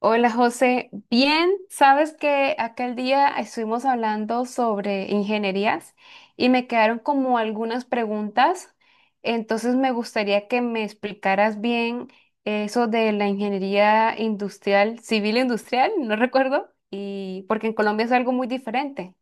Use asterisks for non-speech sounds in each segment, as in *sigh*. Hola José, bien, sabes que aquel día estuvimos hablando sobre ingenierías y me quedaron como algunas preguntas, entonces me gustaría que me explicaras bien eso de la ingeniería industrial, civil industrial, no recuerdo, y porque en Colombia es algo muy diferente.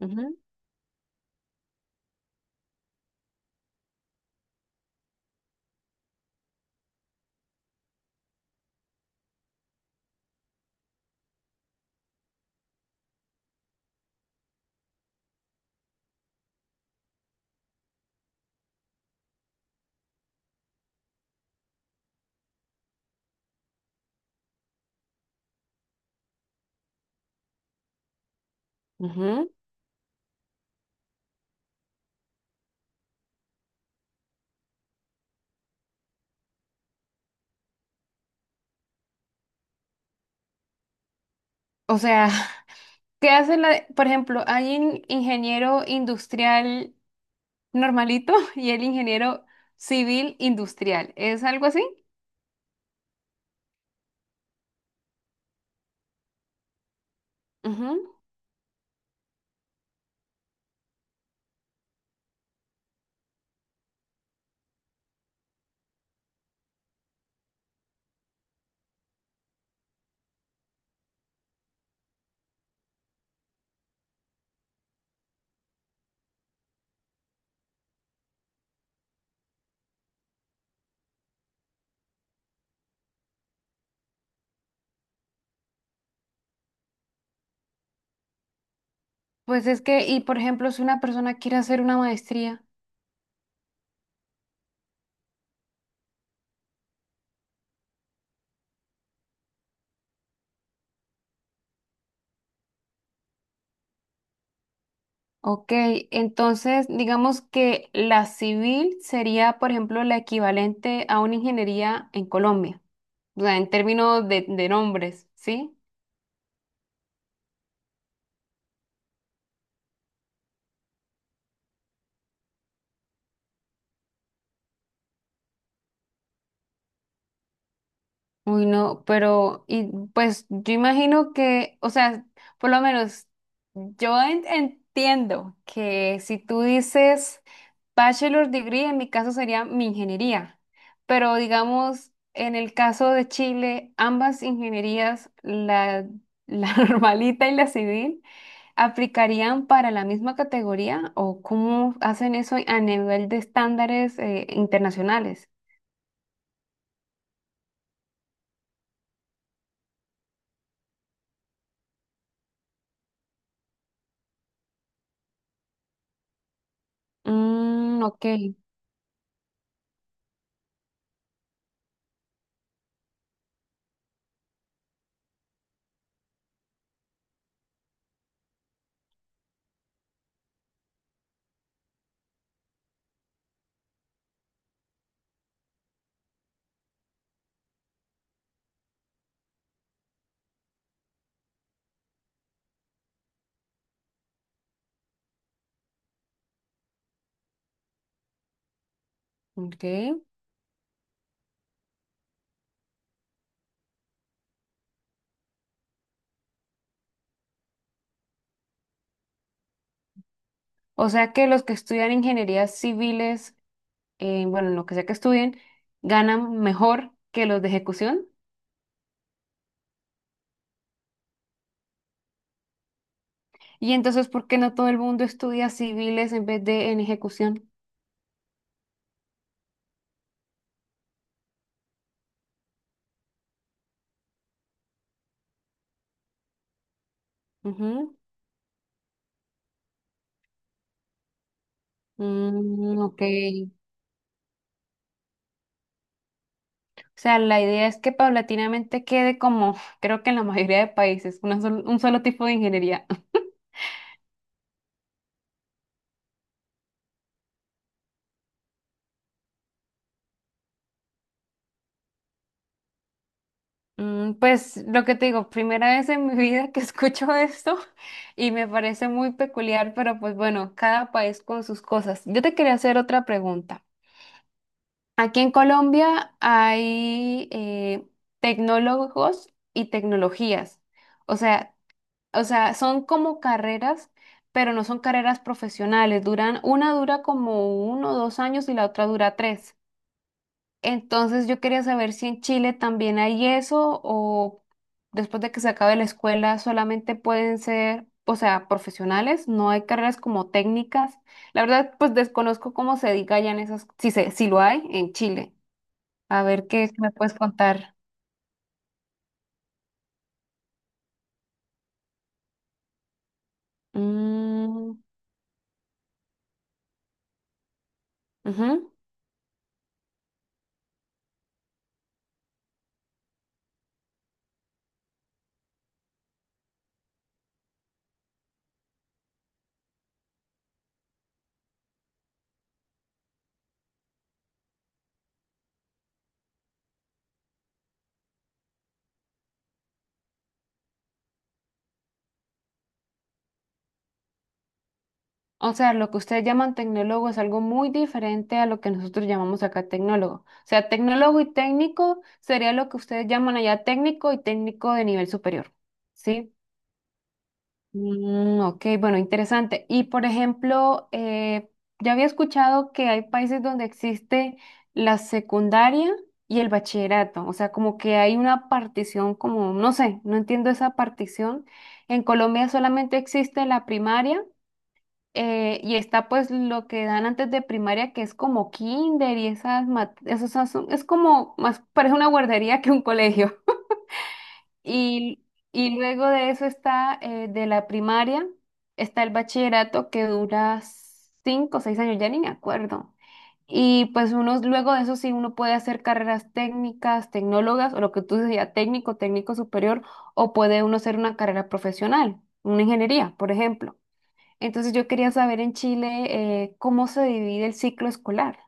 Ujú, ujú. O sea, *laughs* ¿qué hace la, por ejemplo, hay un ingeniero industrial normalito *laughs* y el ingeniero civil industrial, es algo así? Ujú. Pues es que, y por ejemplo, si una persona quiere hacer una maestría, ok, entonces digamos que la civil sería, por ejemplo, la equivalente a una ingeniería en Colombia, o sea, en términos de nombres, ¿sí? Uy, no, pero, y pues yo imagino que, o sea, por lo menos yo entiendo que si tú dices... Bachelor degree en mi caso sería mi ingeniería, pero digamos, en el caso de Chile, ambas ingenierías, la *laughs* normalita y la civil, ¿aplicarían para la misma categoría o cómo hacen eso a nivel de estándares internacionales? Mm, ok, ok. O sea que los que estudian ingenierías civiles, bueno, lo que sea que estudien, ganan mejor que los de ejecución. Y entonces, ¿por qué no todo el mundo estudia civiles en vez de en ejecución? Ujú. Mm, ok. O sea, la idea es que paulatinamente quede como, *laughs* creo que en la mayoría de países, un solo tipo de ingeniería. *laughs* Mm, pues lo que te digo, primera vez en mi vida que *laughs* escucho esto y me parece muy peculiar, pero pues bueno, cada país con sus cosas. Yo te quería hacer otra pregunta. Aquí en Colombia hay tecnólogos y tecnologías. O sea, O sea, son como carreras, pero no son carreras profesionales. Duran, una dura como 1 o 2 años y la otra dura 3. Entonces yo quería saber si en Chile también hay eso o después de que se acabe la escuela solamente pueden ser, o sea, profesionales, no hay carreras como técnicas. La verdad, pues desconozco cómo se diga ya en esas, si lo hay en Chile. A ver qué me puedes contar. Mm, ujú. O sea, lo que ustedes llaman tecnólogo es algo muy diferente a lo que nosotros llamamos acá tecnólogo. O sea, tecnólogo y técnico sería lo que ustedes llaman allá técnico y técnico de nivel superior. ¿Sí? Mm, ok, bueno, interesante. Y por ejemplo, ya había escuchado que hay países donde existe la secundaria y el bachillerato. O sea, como que hay una partición, como, no sé, no entiendo esa partición. En Colombia solamente existe la primaria y está pues lo que dan antes de primaria, que es como kinder y esas, es como más, parece una guardería que un colegio. *laughs* Y, luego de eso está de la primaria, está el bachillerato que dura 5 o 6 años, ya ni me acuerdo. Y pues uno, luego de eso sí, uno puede hacer carreras técnicas, tecnólogas, o lo que tú decías, técnico, técnico superior, o puede uno hacer una carrera profesional, una ingeniería, por ejemplo. Entonces yo quería saber en Chile cómo se divide el ciclo escolar.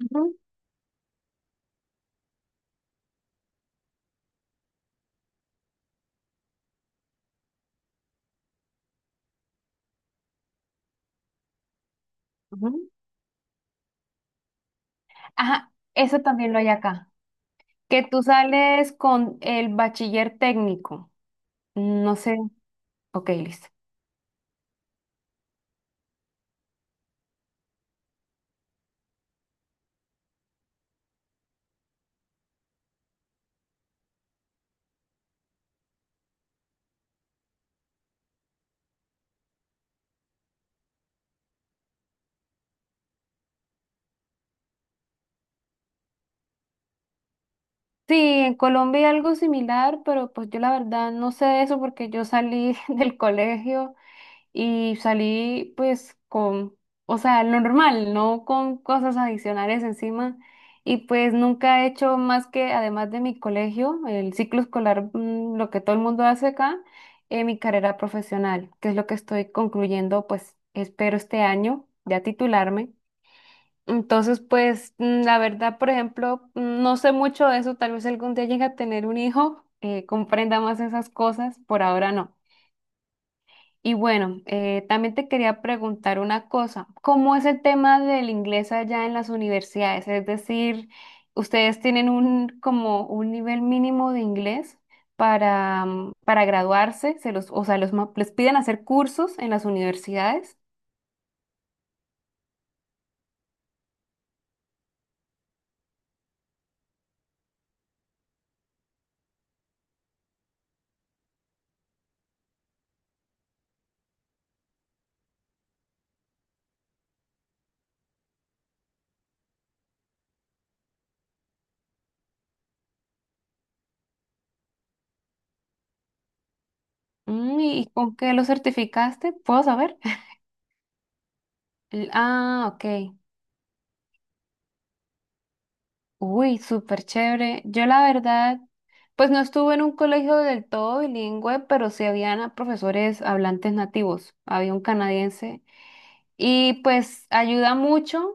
Ujú, ujú. Ajá, eso también lo hay acá. Que tú sales con el bachiller técnico. No sé. Ok, listo. Sí, en Colombia hay algo similar, pero pues yo la verdad no sé de eso porque yo salí *laughs* del colegio y salí pues con, o sea, lo normal, no con cosas adicionales encima. Y pues nunca he hecho más que, además de mi colegio, el ciclo escolar, lo que todo el mundo hace acá, mi carrera profesional, que es lo que estoy concluyendo, pues espero este año ya titularme. Entonces, pues la verdad, por ejemplo, no sé mucho de eso, tal vez algún día llegue a tener un hijo, comprenda más esas cosas, por ahora no. Y bueno, también te quería preguntar una cosa. ¿Cómo es el tema del inglés allá en las universidades? Es decir, ¿ustedes tienen un como un nivel mínimo de inglés para, para graduarse? ¿Se los, o sea, los, les piden hacer cursos en las universidades? Mm, ¿y con qué lo certificaste? ¿Puedo saber? *laughs* Ah, ok. Uy, súper chévere. Yo la verdad, pues no estuve en un colegio del todo bilingüe, pero sí habían a profesores hablantes nativos. Había un canadiense y pues ayuda mucho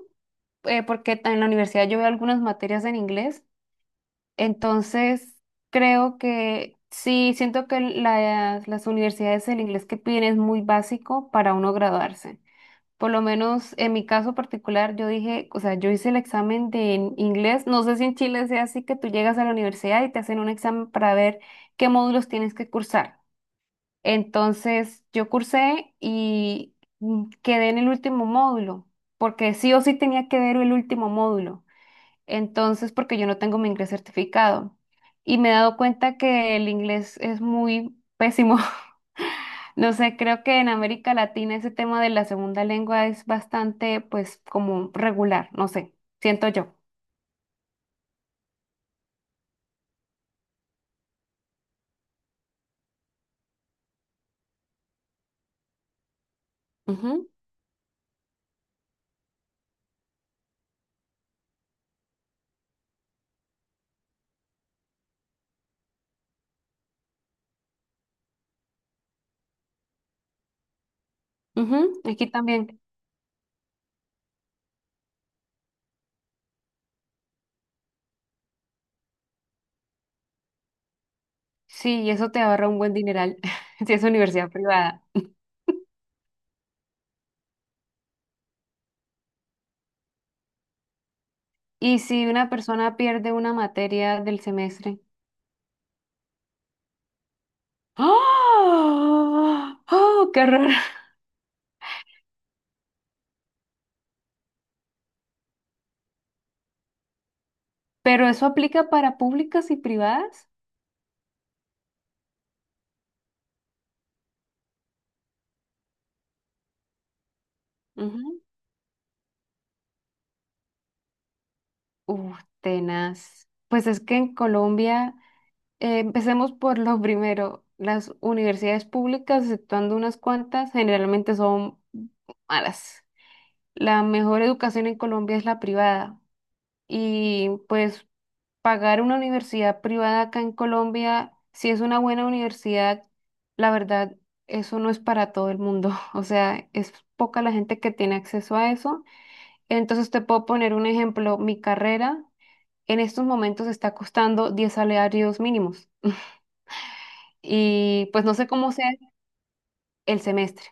porque en la universidad yo veo algunas materias en inglés. Entonces, creo que sí, siento que las universidades el inglés que piden es muy básico para uno graduarse. Por lo menos en mi caso particular, yo dije, o sea, yo hice el examen de en inglés. No sé si en Chile sea así que tú llegas a la universidad y te hacen un examen para ver qué módulos tienes que cursar. Entonces, yo cursé y quedé en el último módulo, porque sí o sí tenía que ver el último módulo. Entonces, porque yo no tengo mi inglés certificado. Y me he dado cuenta que el inglés es muy pésimo. *laughs* No sé, creo que en América Latina ese tema de la segunda lengua es bastante, pues, como regular, no sé, siento yo. Ujú, ujú. Aquí también. Sí, y eso te ahorra un buen dineral *laughs* si es universidad privada. ¿Y si una persona pierde una materia del semestre? ¡Ah! ¡Oh, qué horror! *laughs* ¿Pero eso aplica para públicas y privadas? Ujú. Uf, tenaz. Pues es que en Colombia... Empecemos por lo primero. Las universidades públicas, exceptuando unas cuantas, generalmente son malas. La mejor educación en Colombia es la privada. Y pues pagar una universidad privada acá en Colombia, si es una buena universidad, la verdad, eso no es para todo el mundo. *laughs* O sea, es poca la gente que tiene acceso a eso. Entonces te puedo poner un ejemplo. Mi carrera en estos momentos está costando 10 salarios mínimos. Y pues no sé cómo sea el semestre.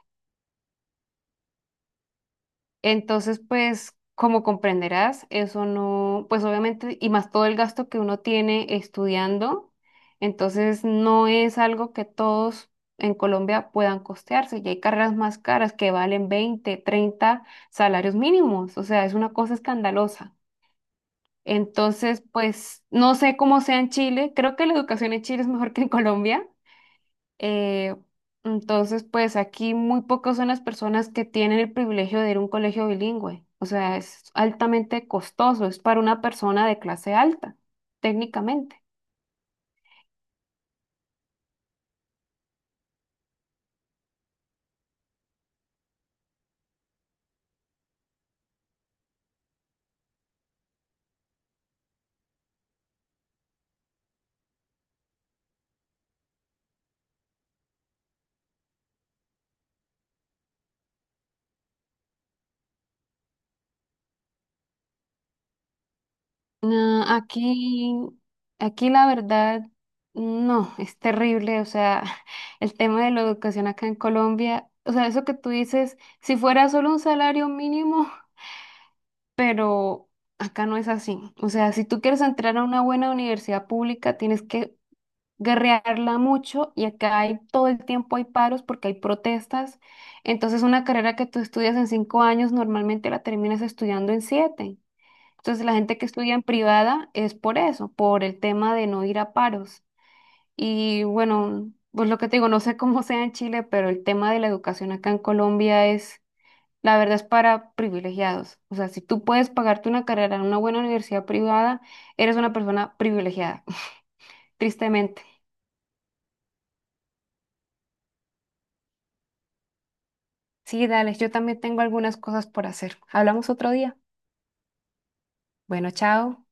Entonces, pues como comprenderás, eso no, pues obviamente, y más todo el gasto que uno tiene estudiando, entonces no es algo que todos en Colombia puedan costearse. Y hay carreras más caras que valen 20, 30 salarios mínimos, o sea, es una cosa escandalosa. Entonces, pues no sé cómo sea en Chile, creo que la educación en Chile es mejor que en Colombia. Eh, entonces, pues aquí muy pocas son las personas que tienen el privilegio de ir a un colegio bilingüe. O sea, es altamente costoso, es para una persona de clase alta, técnicamente. No, aquí la verdad, no, es terrible. O sea, *laughs* el tema de la educación acá en Colombia, o sea, eso que tú dices, si fuera solo un salario mínimo, *laughs* pero acá no es así. O sea, si tú quieres entrar a una buena universidad pública, tienes que guerrearla mucho y acá hay, todo el tiempo hay paros porque hay protestas. Entonces una carrera que tú estudias en 5 años normalmente la terminas estudiando en 7. Entonces la gente que estudia en privada es por eso, por el tema de no ir a paros. Y bueno, pues lo que te digo, no sé cómo sea en Chile, pero el tema de la educación acá en Colombia es, la verdad es para privilegiados. O sea, si tú puedes pagarte una carrera en una buena universidad privada, eres una persona privilegiada, *laughs* tristemente. Sí, dale, yo también tengo algunas cosas por hacer. Hablamos otro día. Bueno, chao.